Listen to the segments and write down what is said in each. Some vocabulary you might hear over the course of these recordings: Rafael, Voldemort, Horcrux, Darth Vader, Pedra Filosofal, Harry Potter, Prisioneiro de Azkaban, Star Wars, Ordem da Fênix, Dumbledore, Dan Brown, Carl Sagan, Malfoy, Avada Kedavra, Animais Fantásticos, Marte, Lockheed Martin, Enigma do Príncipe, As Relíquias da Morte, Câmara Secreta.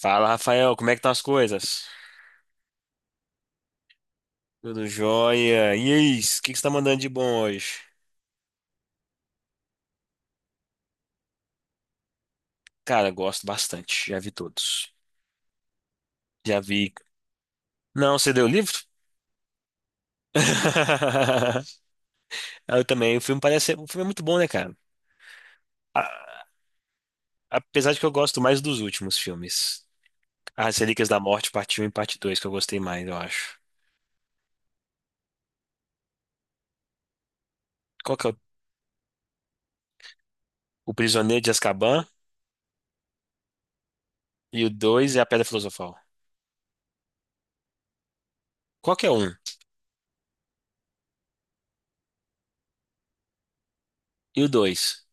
Fala, Rafael, como é que estão as coisas? Tudo jóia? E aí, o que que você tá mandando de bom hoje? Cara, gosto bastante, já vi todos. Já vi. Não, você deu o livro? Eu também, o filme parece, o filme é muito bom, né, cara? A- Apesar de que eu gosto mais dos últimos filmes. As Relíquias da Morte, parte Um e parte 2, que eu gostei mais, eu acho. Qual que é o Prisioneiro de Azkaban e o 2 é a Pedra Filosofal. Qual que é um? E o 2?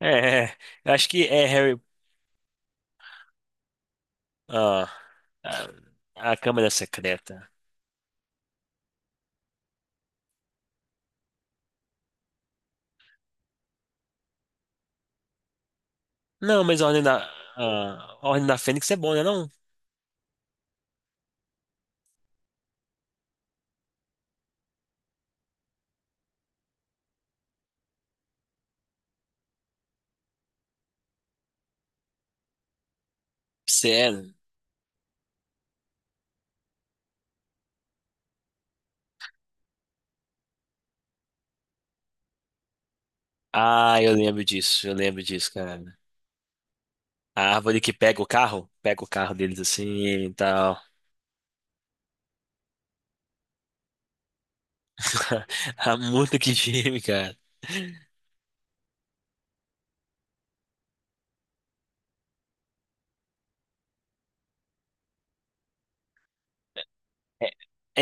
É, é, é. Eu acho que é Harry. Ah, a Câmara Secreta. Não, mas a Ordem da, ah, a Ordem da Fênix é bom, né? Não? Sério. Eu lembro disso, cara. A árvore que pega o carro deles assim e tal. Ah, muito que time, cara. É,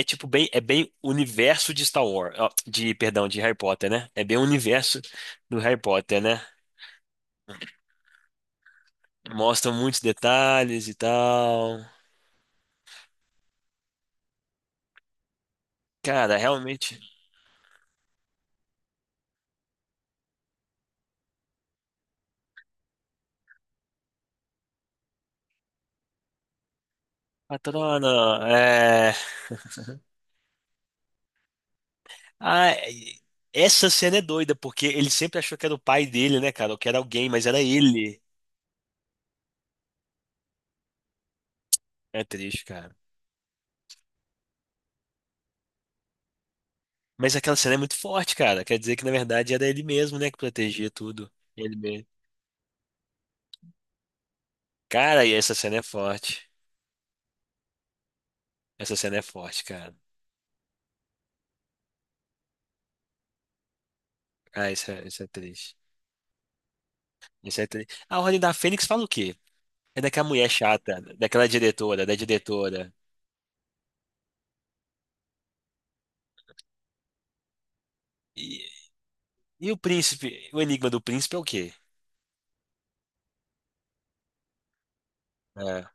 é tipo bem, é bem universo de Star Wars, ó, de, perdão, de Harry Potter, né? É bem o universo do Harry Potter, né? Mostra muitos detalhes e tal. Cara, realmente. Patrona, é... Ah, e- essa cena é doida, porque ele sempre achou que era o pai dele, né, cara? Ou que era alguém, mas era ele. É triste, cara. Mas aquela cena é muito forte, cara. Quer dizer que, na verdade, era ele mesmo, né, que protegia tudo. Ele mesmo. Cara, e essa cena é forte. Essa cena é forte, cara. Isso é triste. Isso é triste. A Ordem da Fênix fala o quê? É daquela mulher chata, daquela diretora, da diretora. E, e o príncipe? O enigma do príncipe é o quê? É.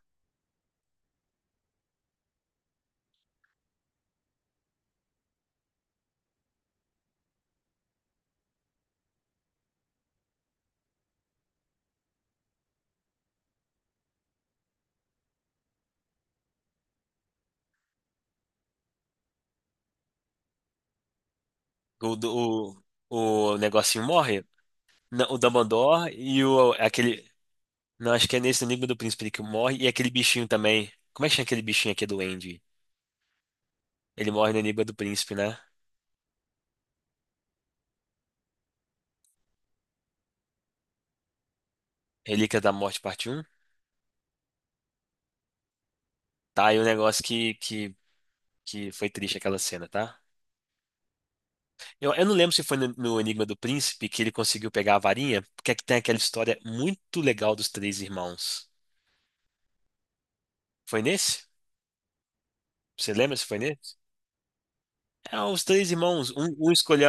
O, do- o negocinho morre. Não, o Dumbledore e o aquele. Não, acho que é nesse no Enigma do Príncipe que morre. E aquele bichinho também. Como é que chama aquele bichinho aqui do Andy? Ele morre no Enigma do Príncipe, né? Relíquia da Morte, parte Um. Tá, aí o negócio que foi triste aquela cena, tá? Eu não lembro se foi no Enigma do Príncipe que ele conseguiu pegar a varinha, porque é que tem aquela história muito legal dos três irmãos. Foi nesse? Você lembra se foi nesse? É, os três irmãos, um escolheu.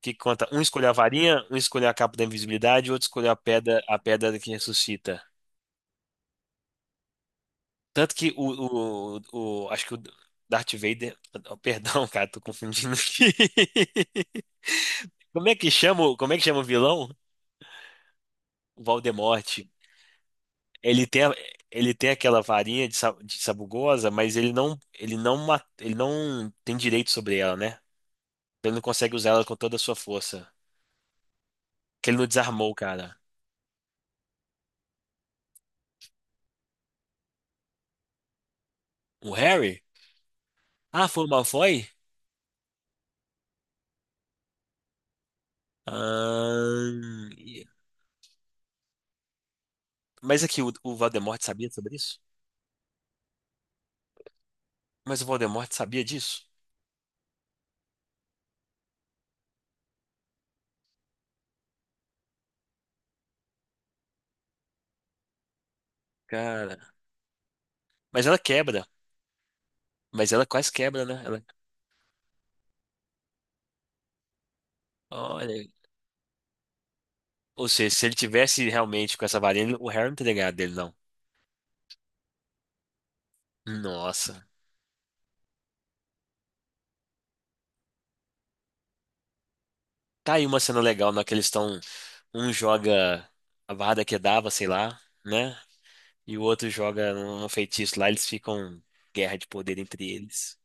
Que conta? Um escolher a varinha, um escolher a capa da invisibilidade, outro escolher a pedra que ressuscita. Tanto que acho que o Darth Vader, oh, perdão, cara, tô confundindo aqui. Como é que chama, como é que chama o vilão? O Voldemort. Ele tem, a- ele tem aquela varinha de sabugosa, mas ele não tem direito sobre ela, né? Então ele não consegue usar ela com toda a sua força. Que ele não desarmou, cara. O Harry? Ah, foi o Malfoy? Ah, mas é que o Voldemort sabia sobre isso? Mas o Voldemort sabia disso? Cara. Mas ela quebra. Mas ela quase quebra, né? Ela... Olha. Ou seja, se ele tivesse realmente com essa varinha, o Harry não teria ganhado dele, não. Nossa. Tá aí uma cena legal na que eles estão. Um joga a Avada Kedavra, sei lá, né? E o outro joga um feitiço lá, eles ficam guerra de poder entre eles.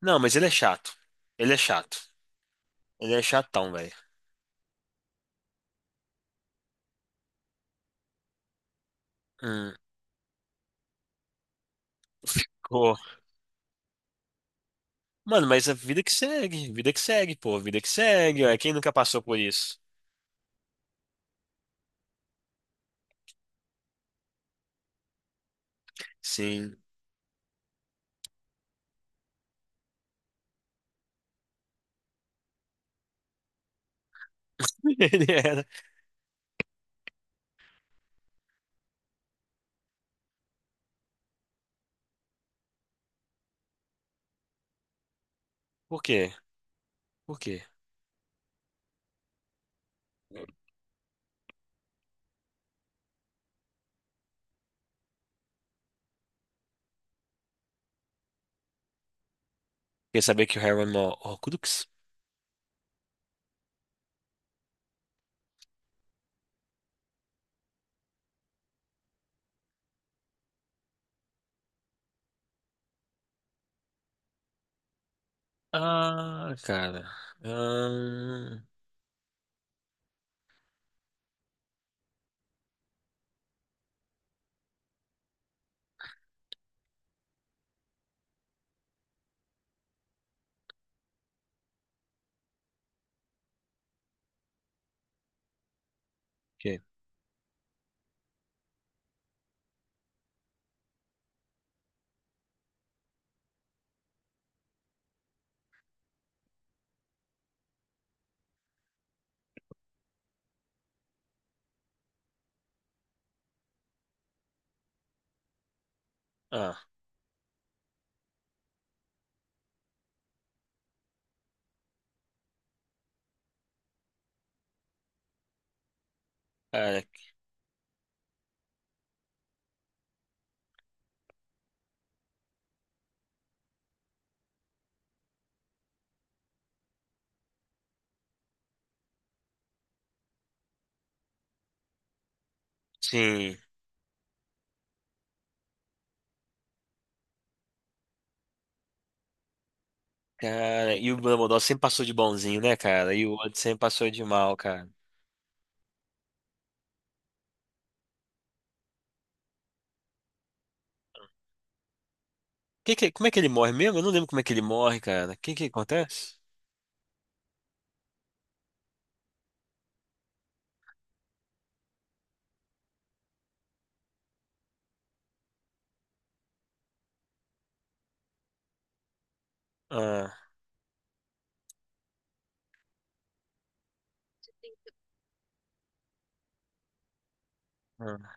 Não, mas ele é chato. Ele é chato. Ele é chatão, velho. Hum. Mano, mas a vida que segue, pô, vida que segue, ué, quem nunca passou por isso? Sim, ele era. Por quê? Por quê? Quer saber que o Harry era um Horcrux? Ah, cara. Ah, quê? Ah, cara, sim. Cara, e o Dumbledore sempre passou de bonzinho, né, cara? E o outro sempre passou de mal, cara. Como é que ele morre mesmo? Eu não lembro como é que ele morre, cara. O que que acontece? Ah, ah,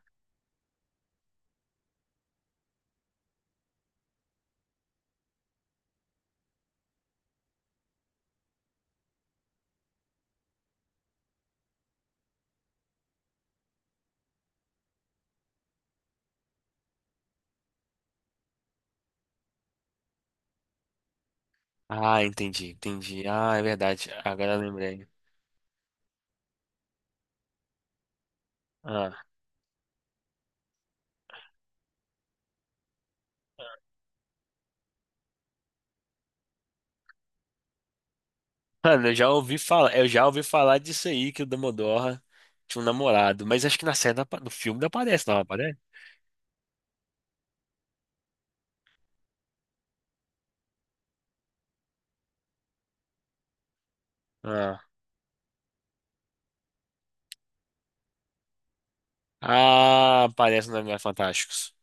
Ah, entendi, entendi. Ah, é verdade. Agora eu lembrei. Ah. Mano, eu já ouvi falar disso aí, que o Dumbledore tinha um namorado, mas acho que na série, no filme não aparece, não aparece? Ah, ah, aparece nos Animais Fantásticos.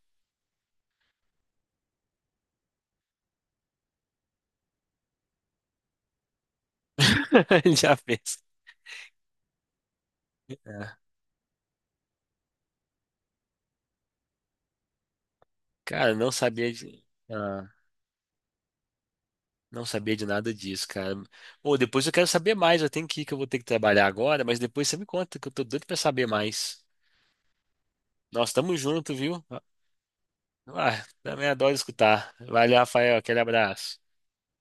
Ele já fez. Ah, Cara, eu não sabia de, ah, não sabia de nada disso, cara. Ou depois eu quero saber mais, eu tenho que ir, que eu vou ter que trabalhar agora, mas depois você me conta, que eu tô doido pra saber mais. Nós tamo junto, viu? Ah, também adoro escutar. Valeu, Rafael, aquele abraço.